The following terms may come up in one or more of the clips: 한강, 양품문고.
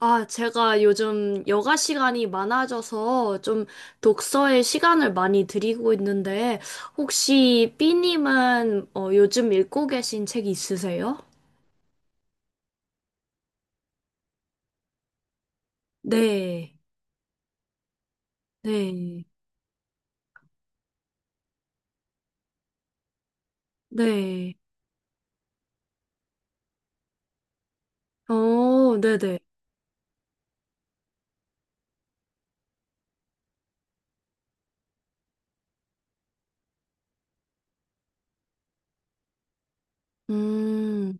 아, 제가 요즘 여가 시간이 많아져서 좀 독서에 시간을 많이 들이고 있는데, 혹시 삐님은 요즘 읽고 계신 책 있으세요? 네, 네, 네. 어, 네네. 음,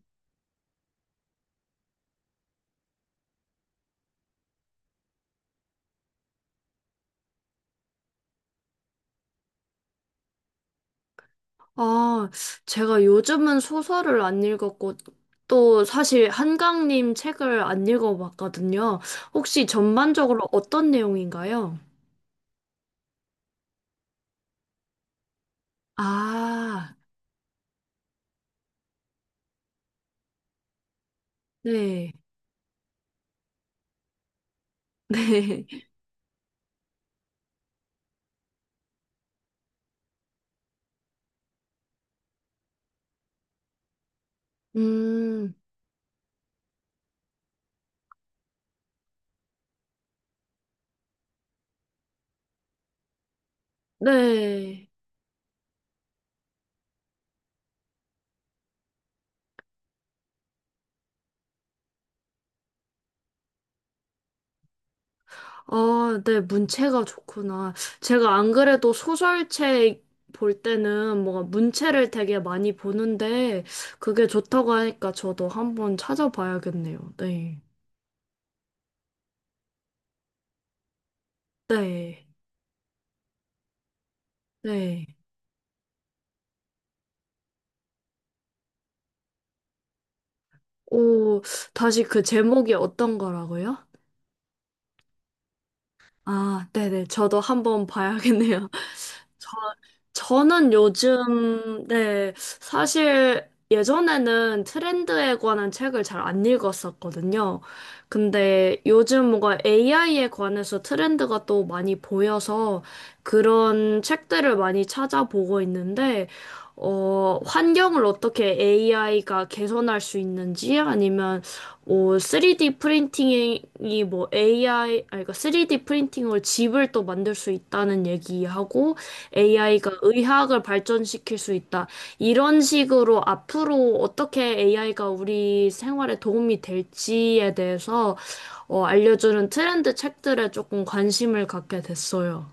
아, 제가 요즘은 소설을 안 읽었고, 또 사실 한강님 책을 안 읽어봤거든요. 혹시 전반적으로 어떤 내용인가요? 아, 네, 네. 음, 네. 아, 네, 문체가 좋구나. 제가 안 그래도 소설책 볼 때는 뭔가 문체를 되게 많이 보는데, 그게 좋다고 하니까 저도 한번 찾아봐야겠네요. 네. 네. 네. 오, 다시 그 제목이 어떤 거라고요? 아, 네네. 저도 한번 봐야겠네요. 저는 요즘, 네, 사실 예전에는 트렌드에 관한 책을 잘 안 읽었었거든요. 근데 요즘 뭔가 AI에 관해서 트렌드가 또 많이 보여서 그런 책들을 많이 찾아보고 있는데, 환경을 어떻게 AI가 개선할 수 있는지 아니면 3D 프린팅이 뭐 AI 아니 그러니까 3D 프린팅으로 집을 또 만들 수 있다는 얘기하고 AI가 의학을 발전시킬 수 있다. 이런 식으로 앞으로 어떻게 AI가 우리 생활에 도움이 될지에 대해서 알려주는 트렌드 책들에 조금 관심을 갖게 됐어요.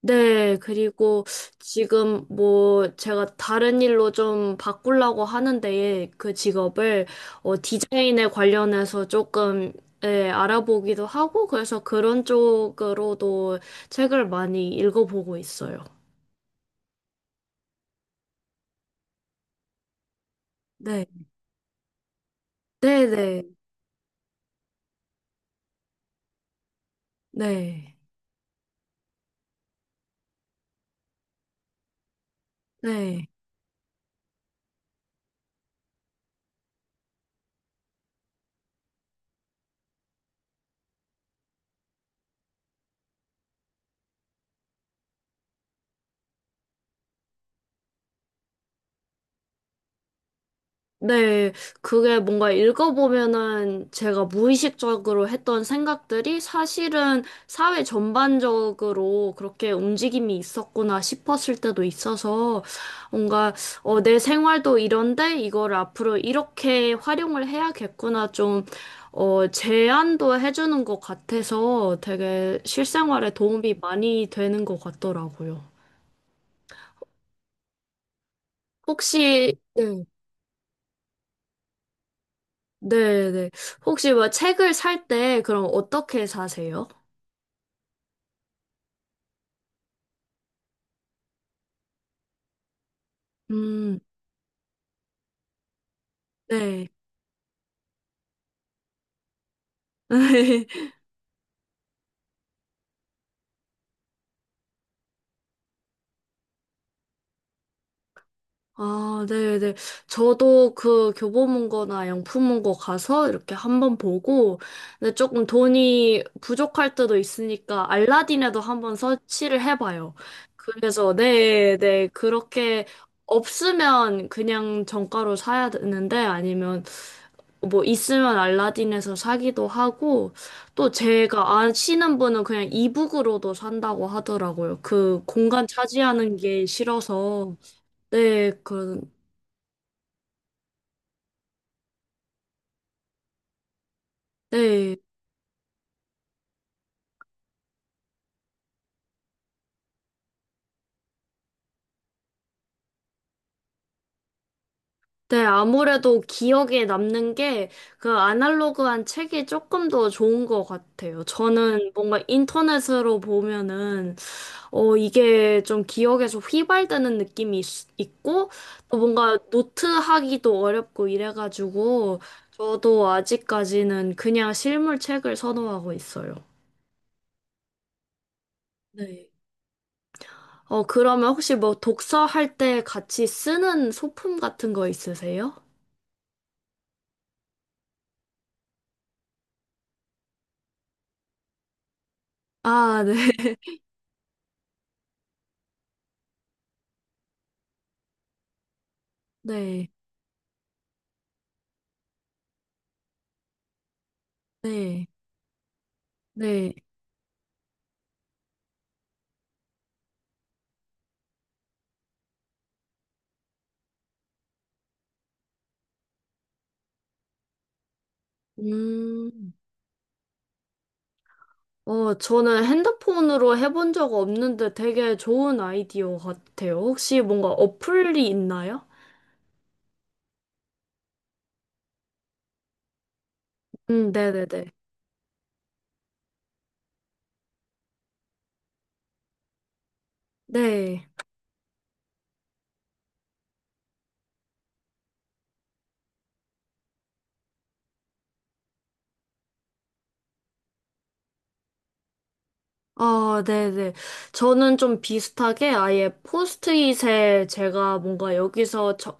네, 그리고 지금 뭐 제가 다른 일로 좀 바꾸려고 하는데 그 직업을 디자인에 관련해서 조금 예, 알아보기도 하고 그래서 그런 쪽으로도 책을 많이 읽어보고 있어요. 네, 네, 네, 네, 네. 네, 그게 뭔가 읽어보면은 제가 무의식적으로 했던 생각들이 사실은 사회 전반적으로 그렇게 움직임이 있었구나 싶었을 때도 있어서 뭔가 내 생활도 이런데 이걸 앞으로 이렇게 활용을 해야겠구나 좀 제안도 해주는 것 같아서 되게 실생활에 도움이 많이 되는 것 같더라고요. 혹시, 네. 네, 네. 혹시 뭐 책을 살 때 그럼 어떻게 사세요? 음, 네. 아, 네, 네. 저도 그 교보문고나 양품문고 가서 이렇게 한번 보고, 근데 조금 돈이 부족할 때도 있으니까 알라딘에도 한번 서치를 해봐요. 그래서, 네, 네. 그렇게 없으면 그냥 정가로 사야 되는데 아니면 뭐 있으면 알라딘에서 사기도 하고 또 제가 아시는 분은 그냥 이북으로도 산다고 하더라고요. 그 공간 차지하는 게 싫어서 네, 네. 네, 아무래도 기억에 남는 게 그 아날로그한 책이 조금 더 좋은 것 같아요. 저는 뭔가 인터넷으로 보면은, 이게 좀 기억에서 휘발되는 느낌이 있고, 또 뭔가 노트하기도 어렵고 이래가지고, 저도 아직까지는 그냥 실물 책을 선호하고 있어요. 네. 그러면 혹시 뭐 독서할 때 같이 쓰는 소품 같은 거 있으세요? 아, 네. 네. 네. 네. 음. 저는 핸드폰으로 해본 적 없는데 되게 좋은 아이디어 같아요. 혹시 뭔가 어플이 있나요? 네네네. 네. 아, 네네. 저는 좀 비슷하게 아예 포스트잇에 제가 뭔가 여기서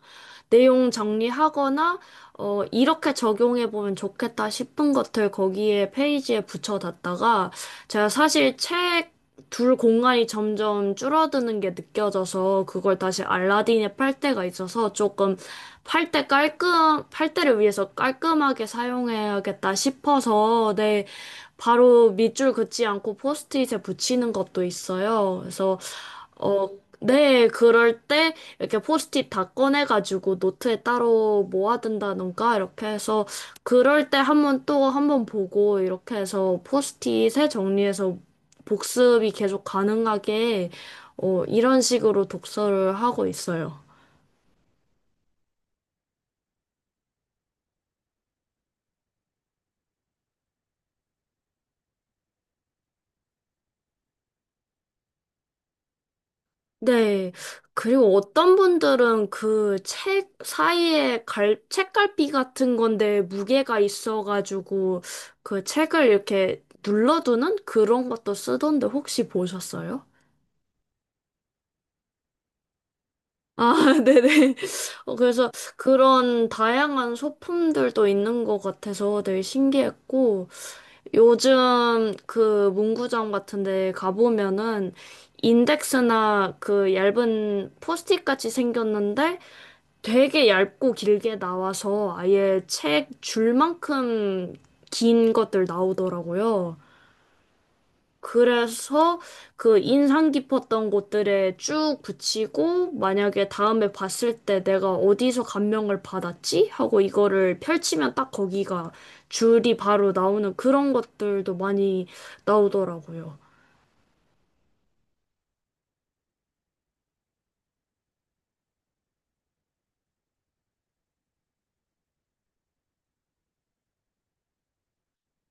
내용 정리하거나, 이렇게 적용해보면 좋겠다 싶은 것들 거기에 페이지에 붙여놨다가, 제가 사실 책 둘 공간이 점점 줄어드는 게 느껴져서 그걸 다시 알라딘에 팔 때가 있어서 조금 팔 때를 위해서 깔끔하게 사용해야겠다 싶어서, 네. 바로 밑줄 긋지 않고 포스트잇에 붙이는 것도 있어요. 그래서 어, 네, 그럴 때 이렇게 포스트잇 다 꺼내가지고 노트에 따로 모아둔다던가 이렇게 해서 그럴 때 한번 또 한번 보고 이렇게 해서 포스트잇에 정리해서 복습이 계속 가능하게 이런 식으로 독서를 하고 있어요. 네. 그리고 어떤 분들은 그 책 사이에 책갈피 같은 건데 무게가 있어가지고 그 책을 이렇게 눌러두는 그런 것도 쓰던데 혹시 보셨어요? 아, 네네. 그래서 그런 다양한 소품들도 있는 것 같아서 되게 신기했고, 요즘 그 문구점 같은 데 가보면은 인덱스나 그 얇은 포스트잇 같이 생겼는데, 되게 얇고 길게 나와서 아예 책 줄만큼 긴 것들 나오더라고요. 그래서 그 인상 깊었던 곳들에 쭉 붙이고 만약에 다음에 봤을 때 내가 어디서 감명을 받았지? 하고 이거를 펼치면 딱 거기가 줄이 바로 나오는 그런 것들도 많이 나오더라고요.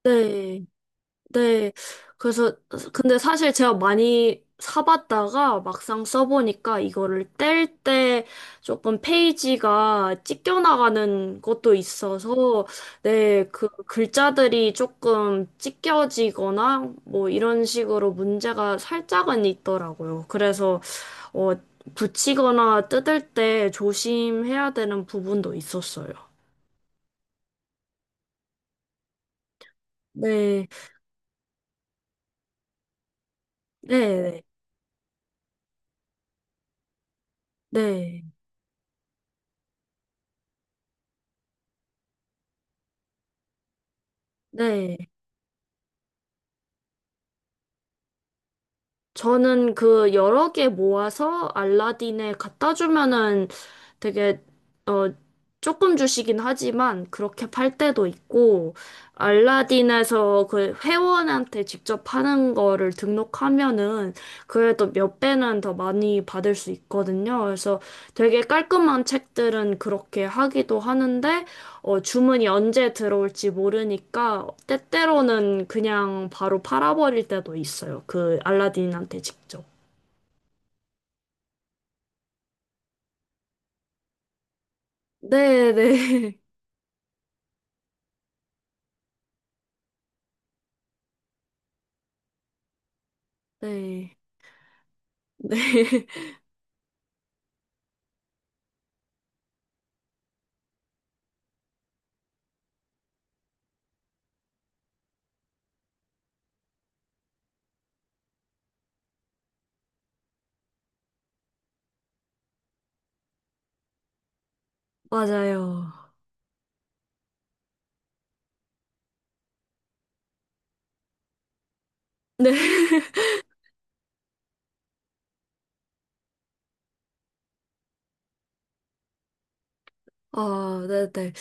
네. 네. 그래서, 근데 사실 제가 많이 사봤다가 막상 써보니까 이거를 뗄 때 조금 페이지가 찢겨나가는 것도 있어서, 네, 그 글자들이 조금 찢겨지거나 뭐 이런 식으로 문제가 살짝은 있더라고요. 그래서, 어, 붙이거나 뜯을 때 조심해야 되는 부분도 있었어요. 네, 네, 네, 네. 저는 그 여러 개 모아서 알라딘에 갖다 주면은 되게 어 조금 주시긴 하지만 그렇게 팔 때도 있고 알라딘에서 그 회원한테 직접 파는 거를 등록하면은 그래도 몇 배는 더 많이 받을 수 있거든요. 그래서 되게 깔끔한 책들은 그렇게 하기도 하는데 주문이 언제 들어올지 모르니까 때때로는 그냥 바로 팔아버릴 때도 있어요. 그 알라딘한테 직접. 네, 네. 네. 네. 맞아요. 네. 아, 네, 네.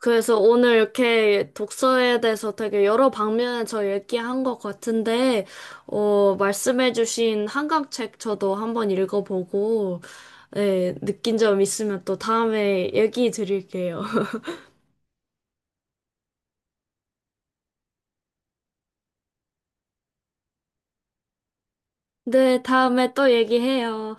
그래서 오늘 이렇게 독서에 대해서 되게 여러 방면에서 얘기한 것 같은데, 말씀해주신 한강책 저도 한번 읽어보고, 네, 느낀 점 있으면 또 다음에 얘기 드릴게요. 네, 다음에 또 얘기해요.